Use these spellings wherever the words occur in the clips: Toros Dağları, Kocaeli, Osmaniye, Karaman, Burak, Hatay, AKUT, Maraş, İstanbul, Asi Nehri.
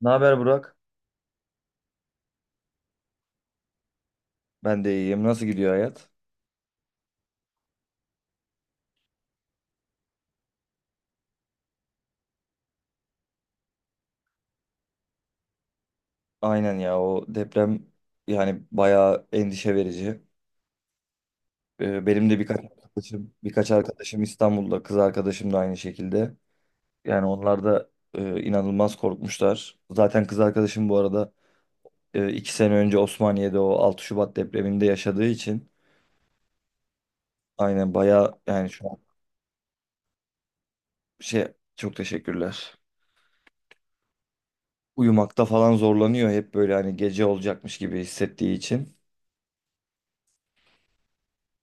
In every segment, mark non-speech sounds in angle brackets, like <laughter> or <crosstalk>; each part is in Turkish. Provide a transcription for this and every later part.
Ne haber Burak? Ben de iyiyim. Nasıl gidiyor hayat? Aynen ya o deprem yani bayağı endişe verici. Benim de birkaç arkadaşım İstanbul'da, kız arkadaşım da aynı şekilde. Yani onlar da inanılmaz korkmuşlar. Zaten kız arkadaşım bu arada 2 sene önce Osmaniye'de o 6 Şubat depreminde yaşadığı için aynen bayağı yani şu an şey çok teşekkürler. Uyumakta falan zorlanıyor hep böyle hani gece olacakmış gibi hissettiği için.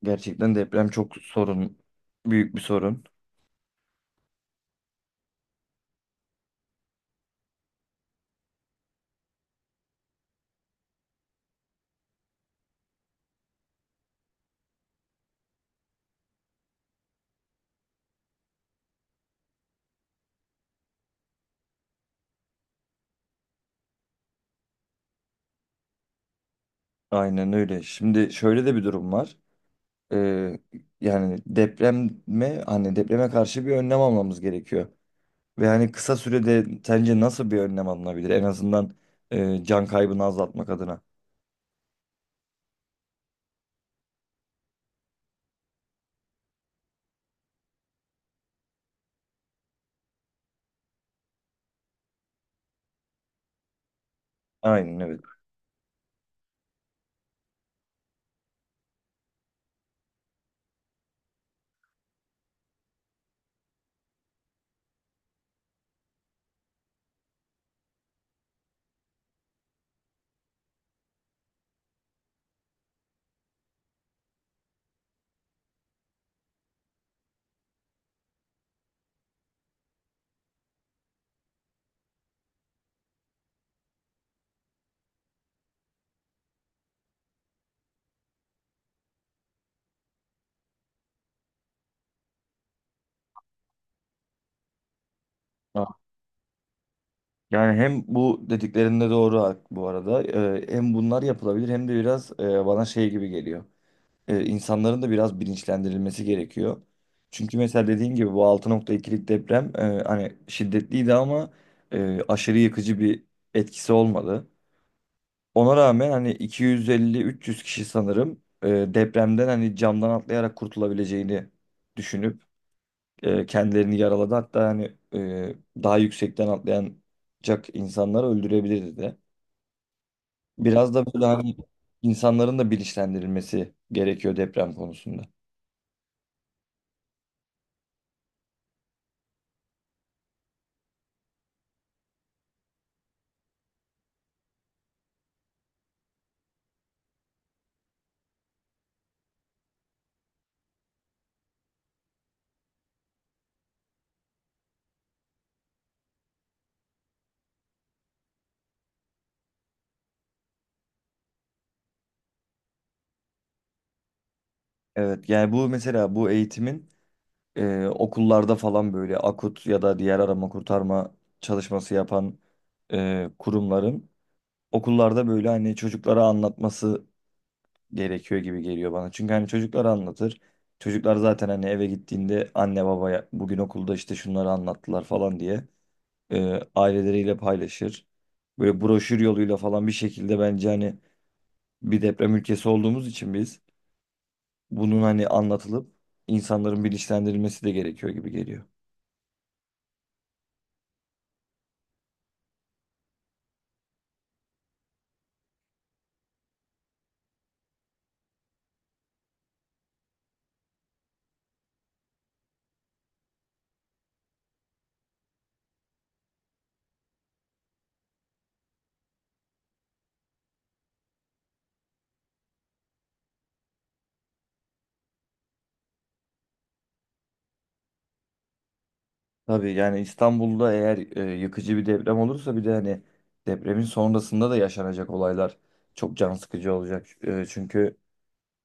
Gerçekten deprem çok sorun, büyük bir sorun. Aynen öyle. Şimdi şöyle de bir durum var. Ee, yani depreme hani depreme karşı bir önlem almamız gerekiyor. Ve hani kısa sürede sence nasıl bir önlem alınabilir? En azından can kaybını azaltmak adına. Aynen evet. Ha. Yani hem bu dediklerinde doğru bu arada. Hem bunlar yapılabilir hem de biraz bana şey gibi geliyor. E, insanların da biraz bilinçlendirilmesi gerekiyor. Çünkü mesela dediğim gibi bu 6,2'lik deprem hani şiddetliydi ama aşırı yıkıcı bir etkisi olmadı. Ona rağmen hani 250-300 kişi sanırım depremden hani camdan atlayarak kurtulabileceğini düşünüp kendilerini yaraladı. Hatta hani daha yüksekten atlayacak insanları öldürebilirdi de. Biraz da böyle hani insanların da bilinçlendirilmesi gerekiyor deprem konusunda. Evet yani bu mesela bu eğitimin okullarda falan böyle AKUT ya da diğer arama kurtarma çalışması yapan kurumların okullarda böyle hani çocuklara anlatması gerekiyor gibi geliyor bana. Çünkü hani çocuklara anlatır. Çocuklar zaten hani eve gittiğinde anne babaya bugün okulda işte şunları anlattılar falan diye aileleriyle paylaşır. Böyle broşür yoluyla falan bir şekilde bence hani bir deprem ülkesi olduğumuz için biz bunun hani anlatılıp insanların bilinçlendirilmesi de gerekiyor gibi geliyor. Tabii yani İstanbul'da eğer yıkıcı bir deprem olursa bir de hani depremin sonrasında da yaşanacak olaylar çok can sıkıcı olacak. Çünkü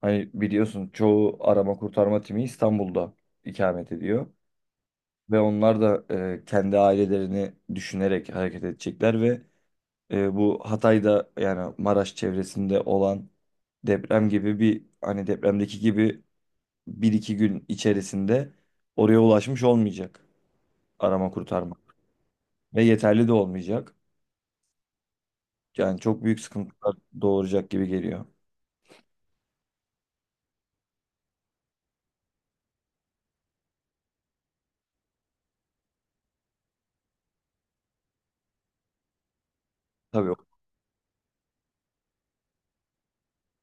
hani biliyorsun çoğu arama kurtarma timi İstanbul'da ikamet ediyor ve onlar da kendi ailelerini düşünerek hareket edecekler ve bu Hatay'da yani Maraş çevresinde olan deprem gibi bir hani depremdeki gibi bir iki gün içerisinde oraya ulaşmış olmayacak arama kurtarma. Ve yeterli de olmayacak. Yani çok büyük sıkıntılar doğuracak gibi geliyor. Tabii.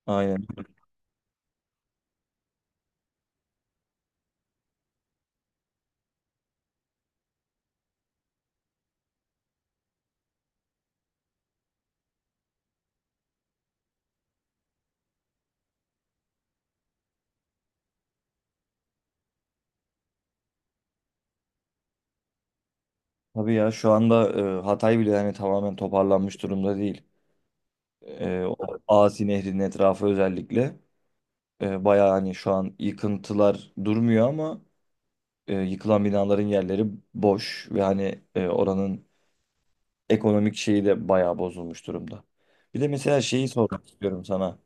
Aynen. Tabii ya şu anda Hatay bile hani tamamen toparlanmış durumda değil. O Asi Nehri'nin etrafı özellikle bayağı hani şu an yıkıntılar durmuyor ama yıkılan binaların yerleri boş ve hani oranın ekonomik şeyi de bayağı bozulmuş durumda. Bir de mesela şeyi sormak istiyorum sana.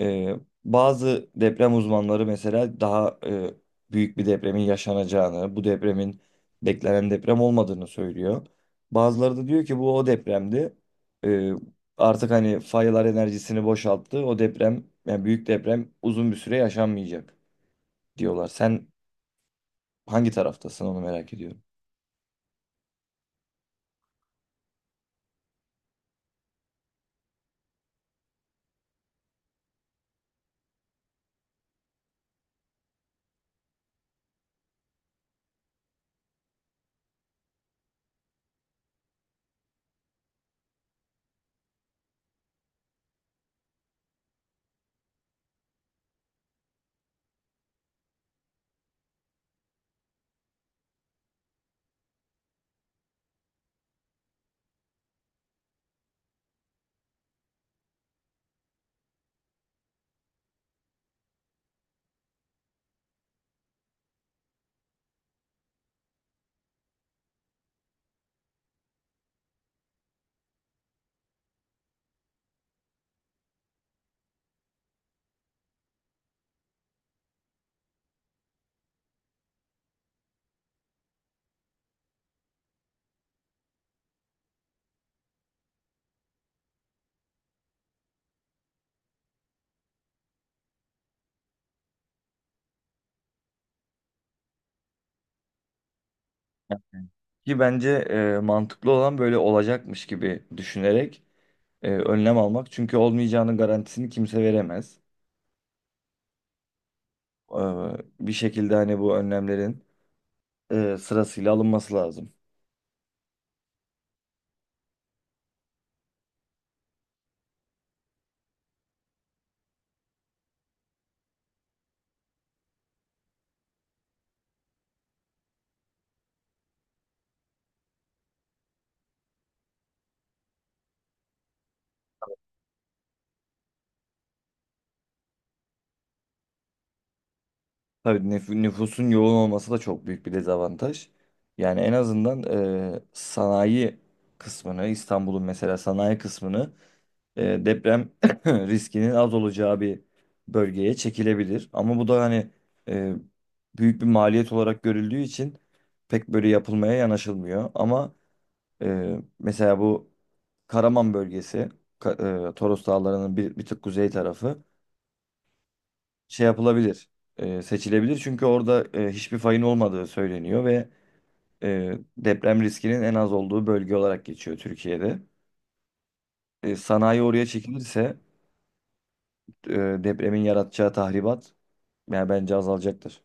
Ee, bazı deprem uzmanları mesela daha büyük bir depremin yaşanacağını, bu depremin beklenen deprem olmadığını söylüyor. Bazıları da diyor ki bu o depremdi. Ee, artık hani faylar enerjisini boşalttı. O deprem, yani büyük deprem uzun bir süre yaşanmayacak diyorlar. Sen hangi taraftasın onu merak ediyorum. Ki bence mantıklı olan böyle olacakmış gibi düşünerek önlem almak. Çünkü olmayacağının garantisini kimse veremez. Ee, bir şekilde hani bu önlemlerin sırasıyla alınması lazım. Tabii nüfusun yoğun olması da çok büyük bir dezavantaj. Yani en azından sanayi kısmını, İstanbul'un mesela sanayi kısmını deprem <clears throat> riskinin az olacağı bir bölgeye çekilebilir. Ama bu da hani e, büyük bir maliyet olarak görüldüğü için pek böyle yapılmaya yanaşılmıyor. Ama mesela bu Karaman bölgesi, Ka- Toros Dağları'nın bir tık kuzey tarafı şey yapılabilir, seçilebilir. Çünkü orada hiçbir fayın olmadığı söyleniyor ve deprem riskinin en az olduğu bölge olarak geçiyor Türkiye'de. Sanayi oraya çekilirse e, depremin yaratacağı tahribat yani bence azalacaktır.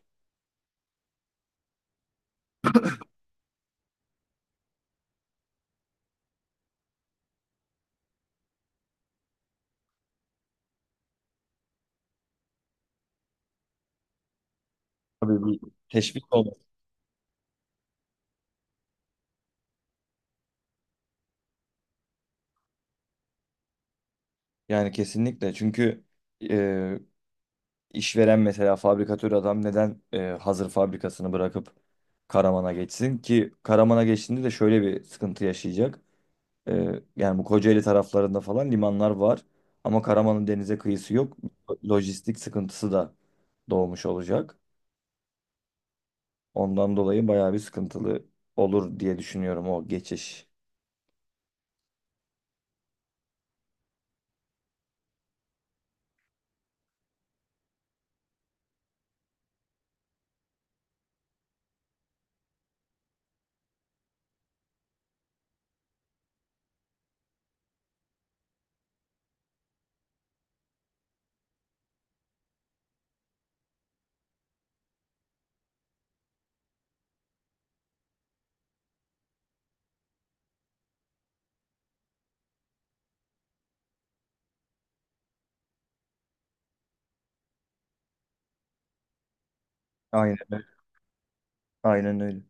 Tabii bir teşvik olur. Yani kesinlikle çünkü e, İşveren mesela fabrikatör adam neden hazır fabrikasını bırakıp Karaman'a geçsin ki Karaman'a geçtiğinde de şöyle bir sıkıntı yaşayacak. E, yani bu Kocaeli taraflarında falan limanlar var ama Karaman'ın denize kıyısı yok. Lojistik sıkıntısı da doğmuş olacak. Ondan dolayı bayağı bir sıkıntılı olur diye düşünüyorum o geçiş. Aynen öyle. Aynen öyle.